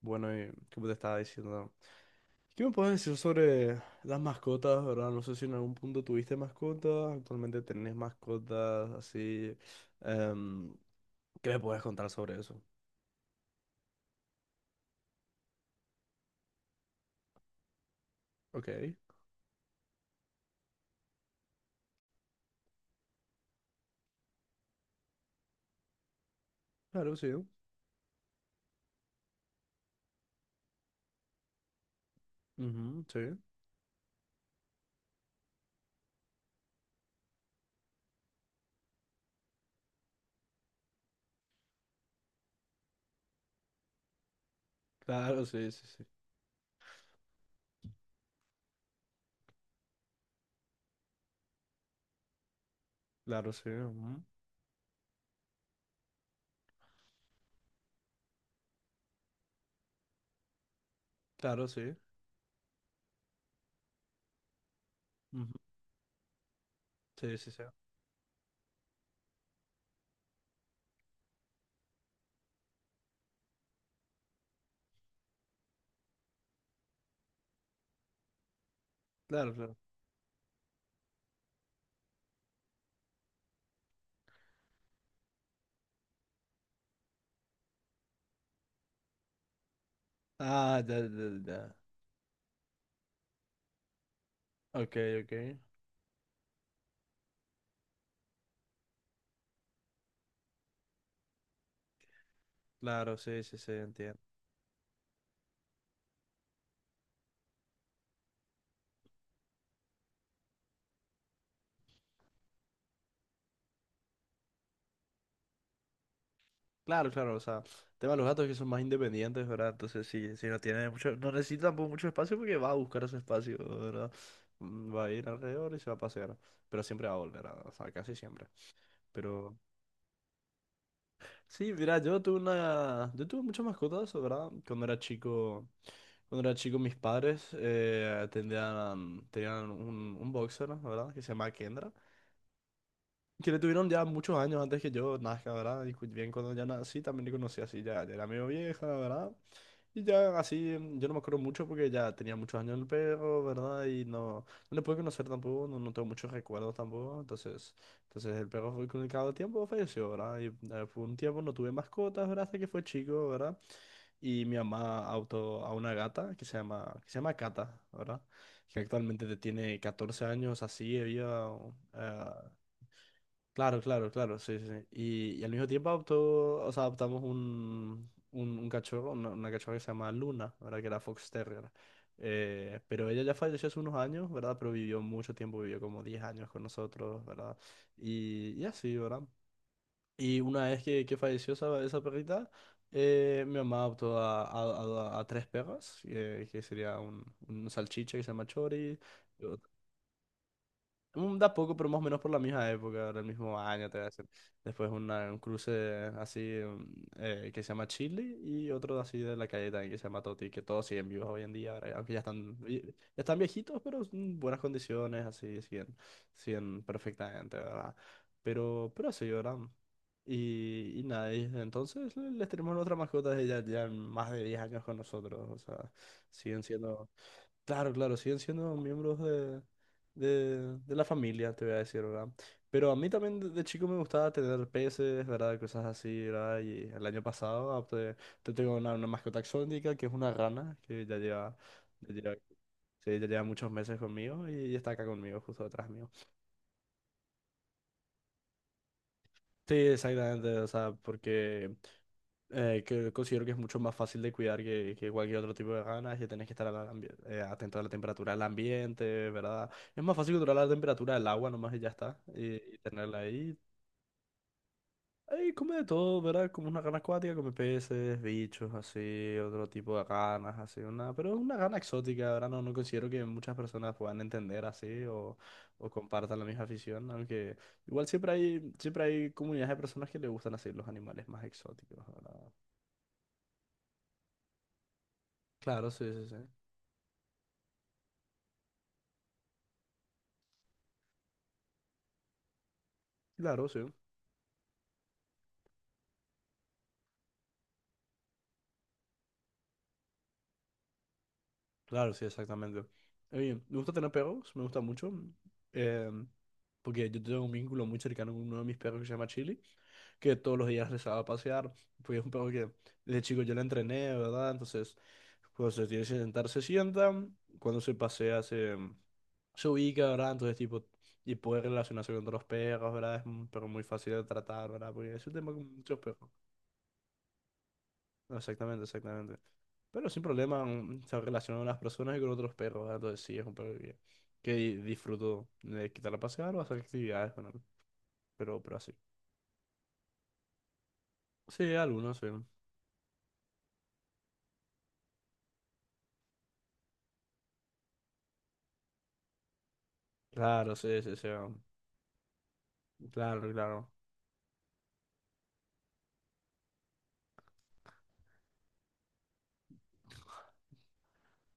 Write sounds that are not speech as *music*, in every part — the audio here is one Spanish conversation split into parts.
Bueno, y como te estaba diciendo, ¿qué me puedes decir sobre las mascotas, ¿verdad? No sé si en algún punto tuviste mascotas, actualmente tenés mascotas, así. em, ¿Qué me puedes contar sobre eso? Ok, claro, sí. Ujú, sí. Claro, sí, sí, sí. Claro, sí. Ujú. Claro, sí. Ujú. Sí, sí, sí. Claro, claro. Ah, ya, ya, ya. Ok, ok. Claro, sí, sí, sí, entiendo. Claro, claro, o sea, el tema de los gatos es que son más independientes, ¿verdad? Entonces sí, sí, no tiene mucho, no necesita tampoco mucho espacio porque va a buscar ese espacio, ¿verdad? Va a ir alrededor y se va a pasear, pero siempre va a volver, ¿verdad? O sea, casi siempre. Pero sí, mira, yo tuve muchas mascotas, ¿verdad? Cuando era chico mis padres tenían un boxer, ¿verdad? Que se llama Kendra, que le tuvieron ya muchos años antes que yo nazca, ¿verdad? Y bien cuando ya nací también le conocí así, ya, ya era medio vieja, ¿verdad? Y ya así, yo no me acuerdo mucho porque ya tenía muchos años el perro, ¿verdad? Y no, no le pude conocer tampoco, no, no tengo muchos recuerdos tampoco. Entonces el perro fue con el cabo tiempo falleció, ¿verdad? Y por un tiempo no tuve mascotas, ¿verdad? Hasta que fue chico, ¿verdad? Y mi mamá adoptó a una gata que se llama Cata, ¿verdad? Que actualmente tiene 14 años, así, había. Claro, claro, claro, sí, sí. Sí. Y al mismo tiempo adoptó, o sea, adoptamos un cachorro, una cachorra que se llama Luna, ¿verdad? Que era Fox Terrier. Pero ella ya falleció hace unos años, ¿verdad? Pero vivió mucho tiempo, vivió como 10 años con nosotros, ¿verdad? Y así, ¿verdad? Y una vez que falleció esa perrita, mi mamá adoptó a tres perros, que sería un salchicha que se llama Chori. Da poco, pero más o menos por la misma época, del mismo año, te voy a decir. Después un cruce así que se llama Chile y otro así de la calle también que se llama Toti, que todos siguen vivos hoy en día, ahora, aunque ya están viejitos, pero en buenas condiciones, así siguen, siguen perfectamente, ¿verdad? Pero así, ¿verdad? Y nada, y desde entonces les tenemos otra mascota de ya, ya más de 10 años con nosotros, o sea, siguen siendo. Claro, claro, siguen siendo miembros de la familia, te voy a decir, ¿verdad? Pero a mí también de chico me gustaba tener peces, ¿verdad? Cosas así, ¿verdad? Y el año pasado te tengo una mascota exótica que es una rana que ya lleva, sí, ya lleva muchos meses conmigo y está acá conmigo, justo detrás mío. Sí, exactamente, o sea, porque que considero que es mucho más fácil de cuidar que cualquier otro tipo de ganas, que tenés que estar al atento a la temperatura del ambiente, ¿verdad? Es más fácil controlar la temperatura del agua nomás y ya está, y tenerla ahí. Ahí come de todo, ¿verdad? Como una gana acuática, come peces, bichos, así, otro tipo de ganas, así, una, pero es una gana exótica, ¿verdad? No, no considero que muchas personas puedan entender así o, compartan la misma afición, aunque igual siempre hay comunidades de personas que le gustan así los animales más exóticos, ¿verdad? Claro, sí, sí, sí. Claro, sí. Claro, sí, exactamente. Oye, me gusta tener perros, me gusta mucho. eh, porque yo tengo un vínculo muy cercano con uno de mis perros que se llama Chili, que todos los días les hago a pasear, porque es un perro que desde chico yo le entrené, ¿verdad? Entonces, cuando se tiene que sentar, se sienta, cuando se pasea, se ubica, ¿verdad? Entonces, tipo, y puede relacionarse con otros perros, ¿verdad? Es un perro muy fácil de tratar, ¿verdad? Porque es un tema con muchos perros. Exactamente, exactamente. Pero sin problema se relacionan las personas y con otros perros, ¿verdad? Entonces sí, es un perro que disfruto de quitar a pasear o hacer actividades con él. Pero así. Sí, algunos, sí. Claro, sí, sí, sí. Ah. Claro, claro.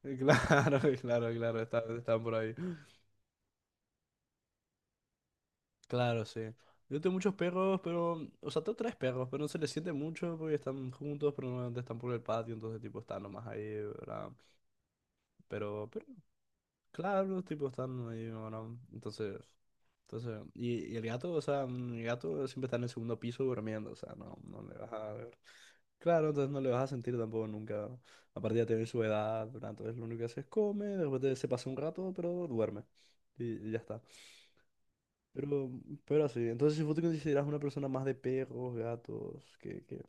*laughs* Claro, claro, claro, están por ahí. Claro, sí. Yo tengo muchos perros, pero. O sea, tengo tres perros, pero no se les siente mucho porque están juntos, pero normalmente están por el patio, entonces tipo están nomás ahí, ¿verdad? Pero, claro, los tipos están ahí, bueno, entonces, y el gato, o sea, el gato siempre está en el segundo piso durmiendo, o sea, no, no le vas a ver. Claro, entonces no le vas a sentir tampoco nunca. Aparte ya tiene su edad, ¿verdad? Entonces lo único que hace es come, de repente se pasa un rato, pero duerme. Y ya está. Pero, pero así, entonces si vos te consideras una persona más de perros, gatos, que...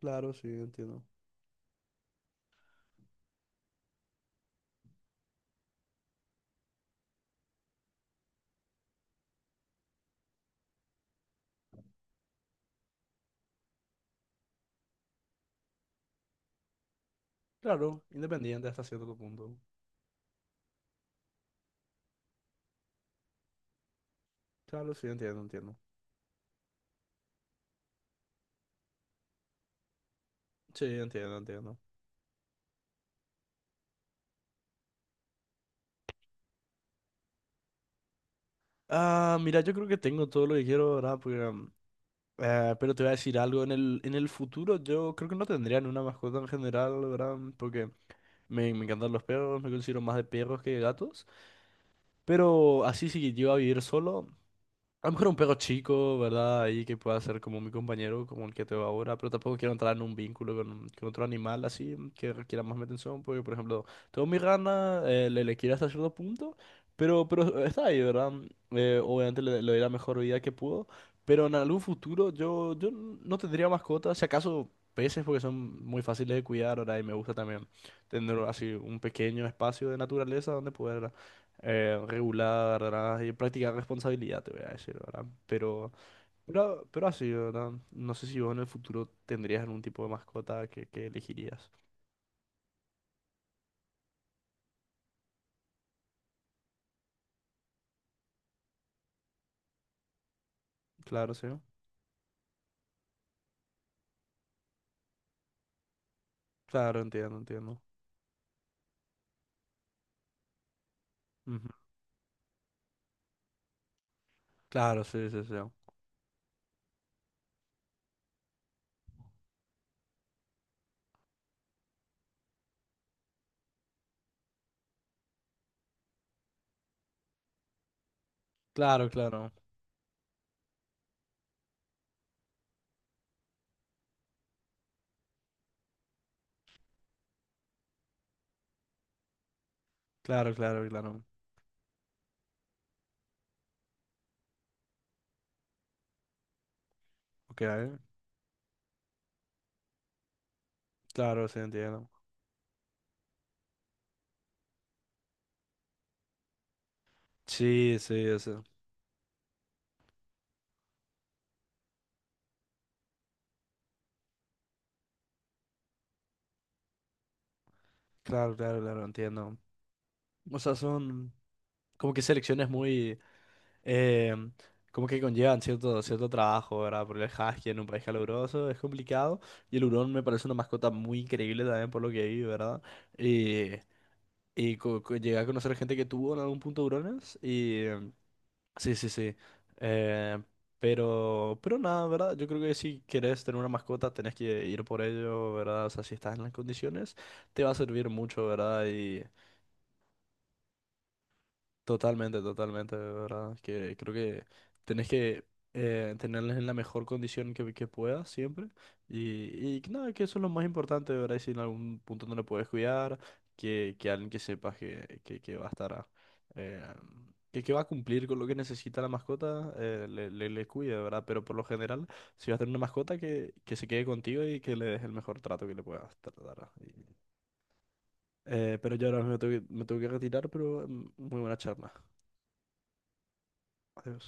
Claro, sí, entiendo. Claro, independiente hasta cierto punto. Claro, sí, entiendo, entiendo. Sí, entiendo, entiendo. Ah, mira, yo creo que tengo todo lo que quiero, ¿verdad? Pero te voy a decir algo, en el futuro yo creo que no tendría ni una mascota en general, ¿verdad? Porque me encantan los perros, me considero más de perros que de gatos. Pero así si yo a vivir solo, a lo mejor un perro chico, ¿verdad? Ahí que pueda ser como mi compañero, como el que tengo ahora, pero tampoco quiero entrar en un vínculo con otro animal así que requiera más mi atención, porque por ejemplo, tengo mi rana, le quiero hasta cierto punto, pero *laughs* está ahí, ¿verdad? Obviamente le doy la mejor vida que puedo, pero en algún futuro yo no tendría mascotas, si acaso peces, porque son muy fáciles de cuidar, ¿verdad? Y me gusta también tener así un pequeño espacio de naturaleza donde poder regular, ¿verdad? Y practicar responsabilidad, te voy a decir, ¿verdad? Pero así, ¿verdad? No sé si vos en el futuro tendrías algún tipo de mascota que elegirías. Claro, sí. Claro, entiendo, entiendo. Ujú. Claro, sí, sí, sí. Claro, claro. Claro, claro, claro. Ok, claro, sí, entiendo. Sí, sí, sí. Claro, claro, claro, entiendo. O sea, son como que selecciones muy, eh, como que conllevan cierto trabajo, ¿verdad? Porque el husky en un país caluroso es complicado y el hurón me parece una mascota muy increíble también por lo que vi, ¿verdad? Y, y llegué a conocer gente que tuvo en algún punto hurones y sí, sí, sí. Eh, pero nada, ¿verdad? Yo creo que si querés tener una mascota tenés que ir por ello, ¿verdad? O sea, si estás en las condiciones, te va a servir mucho, ¿verdad? Totalmente, totalmente, de verdad. Que creo que tenés que tenerles en la mejor condición que puedas siempre. Y que nada, que eso es lo más importante, de verdad. Y si en algún punto no le puedes cuidar, que alguien que sepas que va a estar, eh, que va a cumplir con lo que necesita la mascota, le cuide, de verdad. Pero por lo general, si vas a tener una mascota, que se quede contigo y que le des el mejor trato que le puedas dar. Pero yo ahora me tengo que retirar, pero muy buena charla. Adiós.